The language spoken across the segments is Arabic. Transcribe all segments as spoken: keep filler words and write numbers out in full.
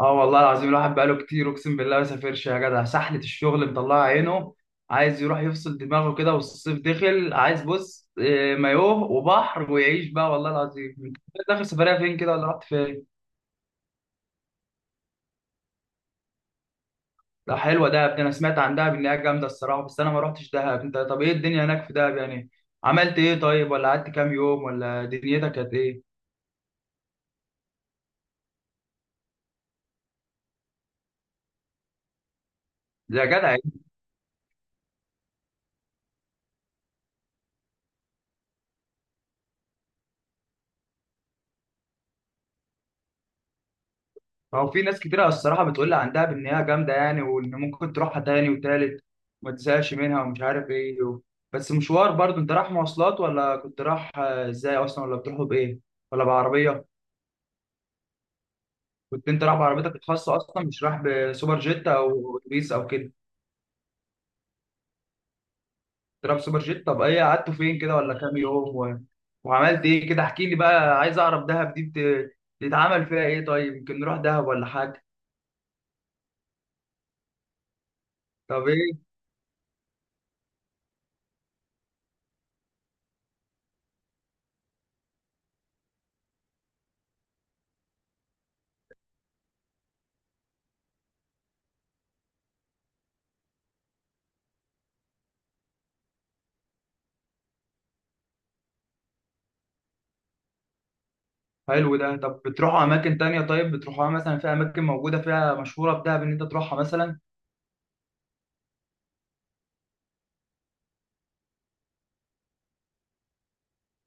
اه والله العظيم الواحد بقاله كتير، اقسم بالله ما سافرش يا جدع. سحلة الشغل مطلعه عينه. عايز يروح يفصل دماغه كده والصيف دخل. عايز بص آه، مايوه وبحر ويعيش بقى. والله العظيم، انت اخر سفرية فين كده، ولا رحت فين؟ لا، حلوة دهب دي. انا سمعت عن دهب انها جامدة الصراحة، بس انا ما رحتش دهب. انت طب، ايه الدنيا هناك في دهب يعني؟ عملت ايه طيب، ولا قعدت كام يوم، ولا دنيتك كانت ايه؟ يا جدع. هو في ناس كتيرة الصراحة بتقول لي عن دهب إن هي جامدة يعني، وإن ممكن تروحها تاني وتالت وما تزهقش منها ومش عارف إيه و... بس مشوار برضه. أنت رايح مواصلات، ولا كنت رايح آه، إزاي أصلا، ولا بتروحوا بإيه، ولا بعربية؟ كنت أنت رايح بعربيتك الخاصة أصلا، مش رايح بسوبر جيت أو أتوبيس أو كده؟ كنت رايح بسوبر جيت. طب إيه قعدتوا فين كده، ولا كام يوم و... وعملت إيه كده؟ احكي لي بقى، عايز أعرف دهب دي بت... بتتعمل فيها إيه طيب؟ يمكن نروح دهب ولا حاجة. طب إيه. حلو ده. طب بتروحوا اماكن تانية طيب، بتروحوها مثلا؟ في اماكن موجوده فيها مشهوره بدهب ان انت تروحها مثلا؟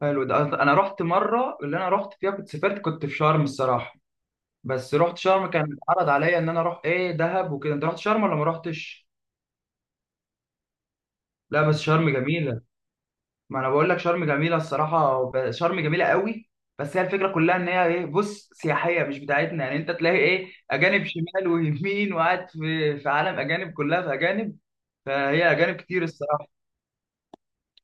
حلو ده. انا رحت مره، اللي انا رحت فيها كنت سافرت، كنت في شرم الصراحه. بس رحت شرم، كان اتعرض عليا ان انا اروح ايه دهب وكده. انت رحت شرم ولا ما رحتش؟ لا بس شرم جميله. ما انا بقول لك شرم جميله الصراحه، وب- شرم جميله قوي. بس هي الفكره كلها ان هي ايه، بص، سياحيه مش بتاعتنا يعني. انت تلاقي ايه، اجانب شمال ويمين، وقاعد في في عالم اجانب، كلها في اجانب. فهي اجانب كتير الصراحه.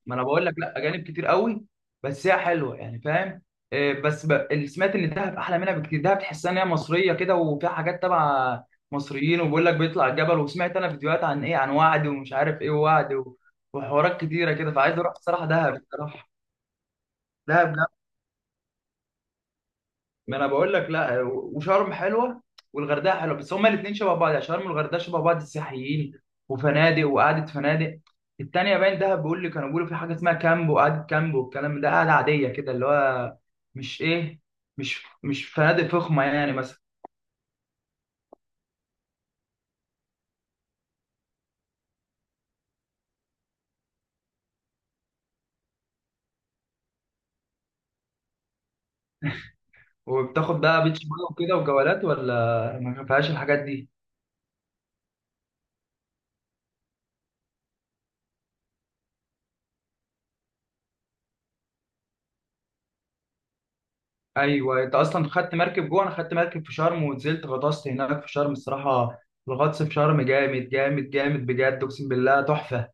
ما انا بقول لك، لا، اجانب كتير قوي. بس هي حلوه يعني، فاهم؟ إيه، بس ب... اللي سمعت ان دهب احلى منها بكتير. دهب تحسها ان هي مصريه كده، وفيها حاجات تبع مصريين، وبيقول لك بيطلع الجبل، وسمعت انا فيديوهات عن ايه، عن وعد ومش عارف ايه ووعد و... وحوارات كتيره كده، فعايز اروح الصراحه دهب الصراحه. دهب. ما انا بقول لك، لا، وشرم حلوه، والغردقه حلوه، بس هما الاثنين شبه بعض يعني. شرم والغردقه شبه بعض، السياحيين وفنادق وقعده فنادق. التانيه باين دهب، بيقول لي كانوا بيقولوا في حاجه اسمها كامب، وقعده كامب والكلام ده، قعده عاديه كده اللي هو مش ايه، مش مش فنادق فخمه يعني مثلا. وبتاخد بقى بيتش باجي وكده وجولات ولا ما فيهاش الحاجات دي؟ ايوه، انت اصلا خدت مركب جوه. انا خدت مركب في شرم ونزلت غطست هناك في شرم الصراحه. الغطس في شرم جامد جامد جامد، بجد اقسم بالله تحفه.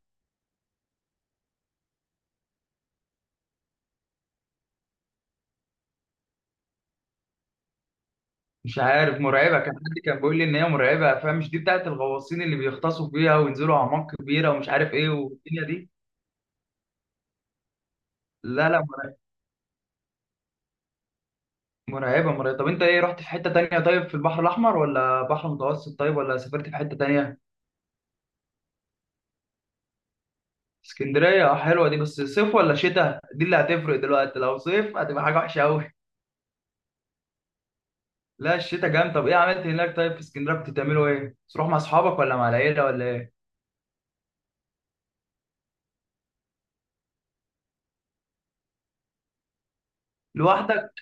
مش عارف مرعبه. كان حد كان بيقول لي ان هي مرعبه، فمش دي بتاعت الغواصين اللي بيغطسوا فيها وينزلوا اعماق كبيره ومش عارف ايه والدنيا دي. لا لا، مرعبه مرعبه. طب انت ايه، رحت في حته تانية طيب؟ في البحر الاحمر ولا بحر متوسط طيب، ولا سافرت في حته تانية؟ اسكندريه. اه، حلوه دي. بس صيف ولا شتاء، دي اللي هتفرق دلوقتي. لو صيف هتبقى حاجه وحشه قوي. لا، الشتاء جامد. طب ايه عملت هناك طيب في اسكندريه؟ كنت تعملوا ايه، تروح مع اصحابك ولا مع العيله ولا ايه؟ لوحدك؟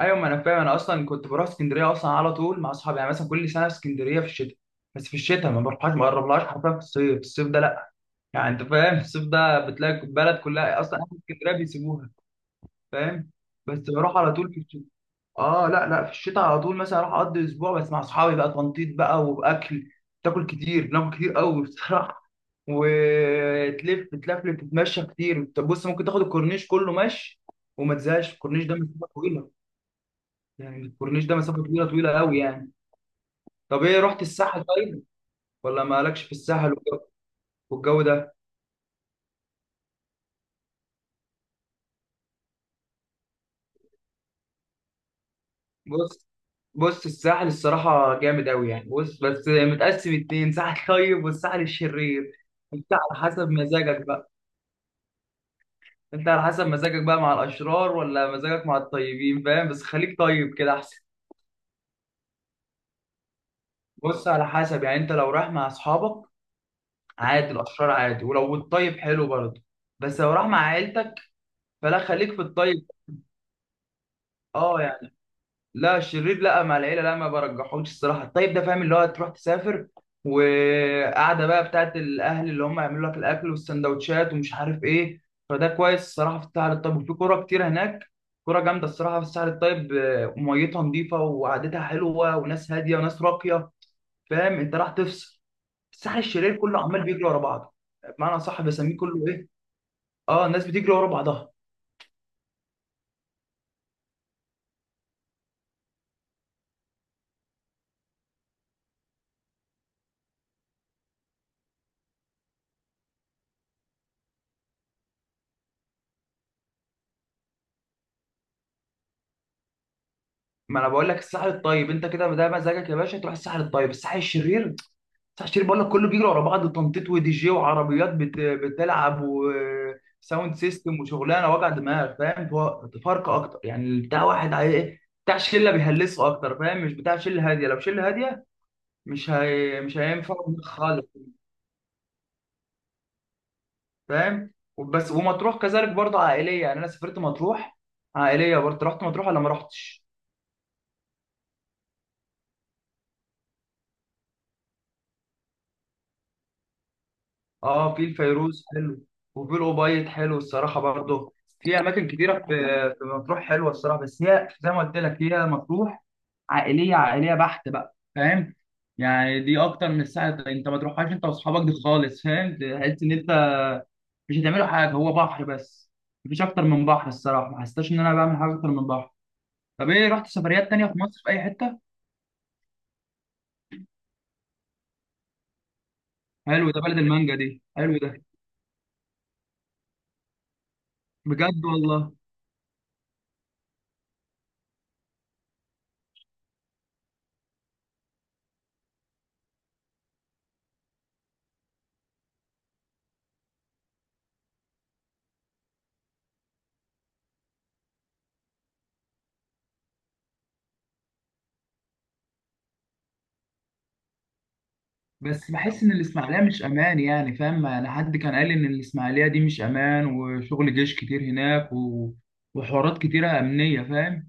ايوه ما انا فاهم. انا اصلا كنت بروح اسكندريه اصلا على طول مع اصحابي، يعني مثلا كل سنه في اسكندريه في الشتاء. بس في الشتاء، ما بروحهاش ما بقربلهاش حرفيا في الصيف، الصيف ده لا. يعني انت فاهم، الصيف ده بتلاقي البلد كلها، اصلا اهل اسكندريه بيسيبوها. فاهم. بس بروح على طول في الشتاء. اه لا لا، في الشتاء على طول مثلا اروح اقضي اسبوع بس مع اصحابي بقى، تنطيط بقى واكل. تاكل كتير، بناكل كتير قوي بصراحه. وتلف تلفلف، تتمشى كتير. طب بص، ممكن تاخد الكورنيش كله ماشي وما تزهقش. الكورنيش ده مسافه طويله يعني. الكورنيش ده مسافة طويلة طويلة قوي يعني. طب ايه، رحت الساحل طيب؟ ولا مالكش في الساحل والجو والجو ده؟ بص. بص، الساحل الصراحة جامد قوي يعني. بص، بس متقسم اتنين، ساحل طيب والساحل الشرير. انت على حسب مزاجك بقى. انت على حسب مزاجك بقى، مع الاشرار ولا مزاجك مع الطيبين. فاهم؟ بس خليك طيب كده احسن. بص، على حسب يعني. انت لو رايح مع اصحابك، عادي، الاشرار عادي، ولو الطيب حلو برضه. بس لو رايح مع عيلتك، فلا، خليك في الطيب. اه يعني، لا الشرير لا، مع العيله لا، ما برجحوش الصراحه. الطيب ده فاهم، اللي هو تروح تسافر، وقعده بقى بتاعت الاهل، اللي هم يعملوا لك الاكل والسندوتشات ومش عارف ايه، فده كويس الصراحه في الساحل الطيب. وفي كوره كتير هناك، كوره جامده الصراحه في الساحل الطيب. آه، ميتها نظيفه وقعدتها حلوه، وناس هاديه وناس راقيه. فاهم؟ انت راح تفصل. الساحل الشرير كله عمال بيجري ورا بعضه. بمعنى صح بسميه كله ايه. اه، الناس بتجري ورا بعضها. ما انا بقول لك، الساحل الطيب، انت كده ده مزاجك يا باشا، تروح الساحل الطيب. الساحل الشرير تحشير، بقول لك كله بيجري ورا بعض، تنطيط ودي جي وعربيات بت... بتلعب، وساوند سيستم وشغلانه وجع دماغ. فاهم؟ تو- تفارقه اكتر يعني. بتاع واحد عاي... إيه؟ بتاع شله بيهلسوا اكتر، فاهم؟ مش بتاع شله هاديه. لو شله هاديه، مش هي... مش هينفع خالص. فاهم؟ وبس. ومطروح كذلك برضه عائليه، يعني انا سافرت مطروح. عائليه برضه. رحت مطروح ولا ما رحتش؟ اه، في الفيروز حلو، وفي الأوبايد حلو الصراحة برضه. في أماكن كتيرة في في مطروح حلوة الصراحة. بس هي زي ما قلت لك، هي مطروح عائلية عائلية بحت بقى، فاهم؟ يعني دي أكتر من الساعة أنت ما تروحهاش أنت وأصحابك، دي خالص. فاهم، تحس إن أنت مش هتعملوا حاجة، هو بحر بس. مفيش أكتر من بحر الصراحة، ما حسيتش إن أنا بعمل حاجة أكتر من بحر. طب إيه، رحت سفريات تانية في مصر في أي حتة؟ حلو ده، بلد المانجا دي، حلو ده. بجد والله. بس بحس ان الاسماعيليه مش امان يعني، فاهم؟ انا حد كان قال لي ان الاسماعيليه دي مش امان، وشغل جيش كتير هناك و... وحوارات كتيره امنيه، فاهم؟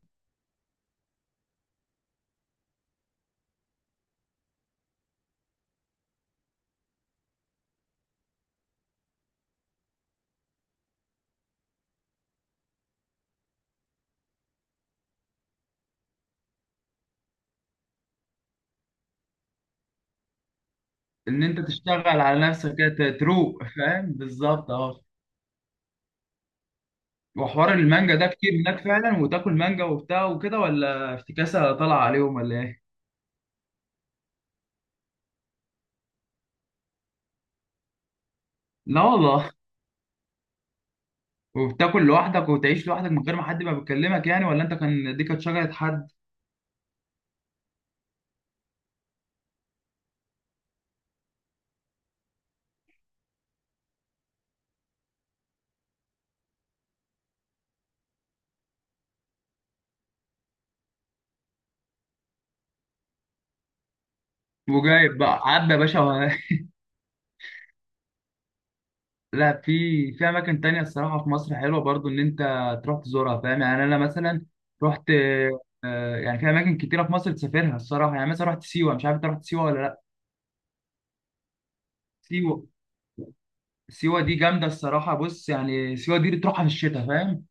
ان انت تشتغل على نفسك كده تروق، فاهم، بالظبط، اه. وحوار المانجا ده كتير هناك فعلا، وتاكل مانجا وبتاع وكده، ولا افتكاسه طالعه عليهم ولا ايه؟ لا والله. وبتاكل لوحدك، وتعيش لوحدك من غير ما حد ما بيكلمك يعني؟ ولا انت كان دي، كانت شجره حد؟ وجايب بقى، عبى يا باشا. لا، في في اماكن تانية الصراحه في مصر حلوه برضو، ان انت تروح تزورها. فاهم؟ يعني انا مثلا رحت آه، يعني في اماكن كتيره في مصر تسافرها الصراحه يعني، مثلا رحت سيوه. مش عارف انت رحت سيوه ولا لا. سيوه. سيوه دي جامده الصراحه. بص يعني، سيوه دي بتروحها في الشتاء، فاهم؟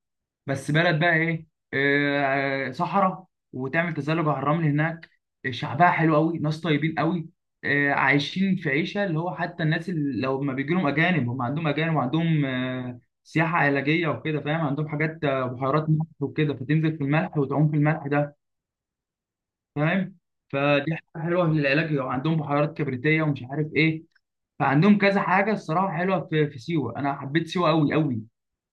بس بلد بقى ايه، آه، صحراء. وتعمل تزلج على الرمل هناك. شعبها حلو قوي، ناس طيبين قوي. آه، عايشين في عيشه اللي هو، حتى الناس اللي لو ما بيجي لهم اجانب، هم عندهم اجانب، وعندهم آه، سياحه علاجيه وكده. فاهم؟ عندهم حاجات، آه، بحيرات ملح وكده، فتنزل في الملح وتعوم في الملح ده. فاهم؟ فدي حاجه حلوه للعلاج. وعندهم بحيرات كبريتيه ومش عارف ايه. فعندهم كذا حاجه الصراحه حلوه في في سيوه. انا حبيت سيوه قوي قوي.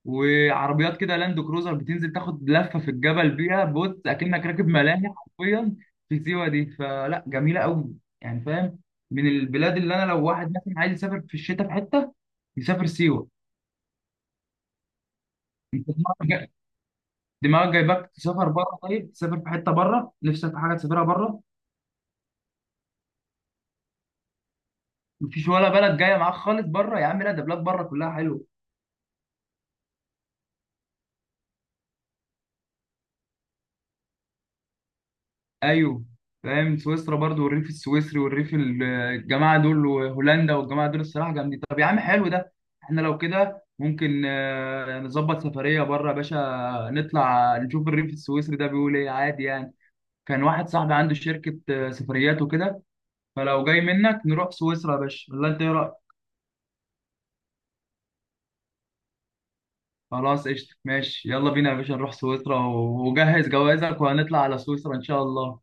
وعربيات كده لاند كروزر بتنزل تاخد لفه في الجبل بيها، بص اكنك راكب ملاهي حرفيا في سيوه دي. فلا جميله قوي يعني، فاهم؟ من البلاد اللي انا لو واحد مثلا عايز يسافر في الشتاء في حته، يسافر سيوه. انت دماغك جاي- دماغك جايبك تسافر بره طيب، تسافر في حته بره، نفسك في حاجه تسافرها بره؟ مفيش ولا بلد جايه معاك خالص بره يا عم؟ لا، ده بلاد بره كلها حلوه. ايوه، فاهم. سويسرا برضو، والريف السويسري، والريف ال- الجماعه دول، وهولندا والجماعه دول، الصراحه جامدين. طب يا عم حلو ده، احنا لو كده ممكن آه، نظبط سفريه بره يا باشا، نطلع نشوف الريف السويسري ده بيقول ايه عادي يعني. كان واحد صاحبي عنده شركه آه، سفريات وكده، فلو جاي منك نروح سويسرا يا باشا، ولا انت ايه رايك؟ خلاص قشطه، ماشي، يلا بينا يا باشا، نروح سويسرا و- وجهز جوازك وهنطلع على سويسرا ان شاء الله.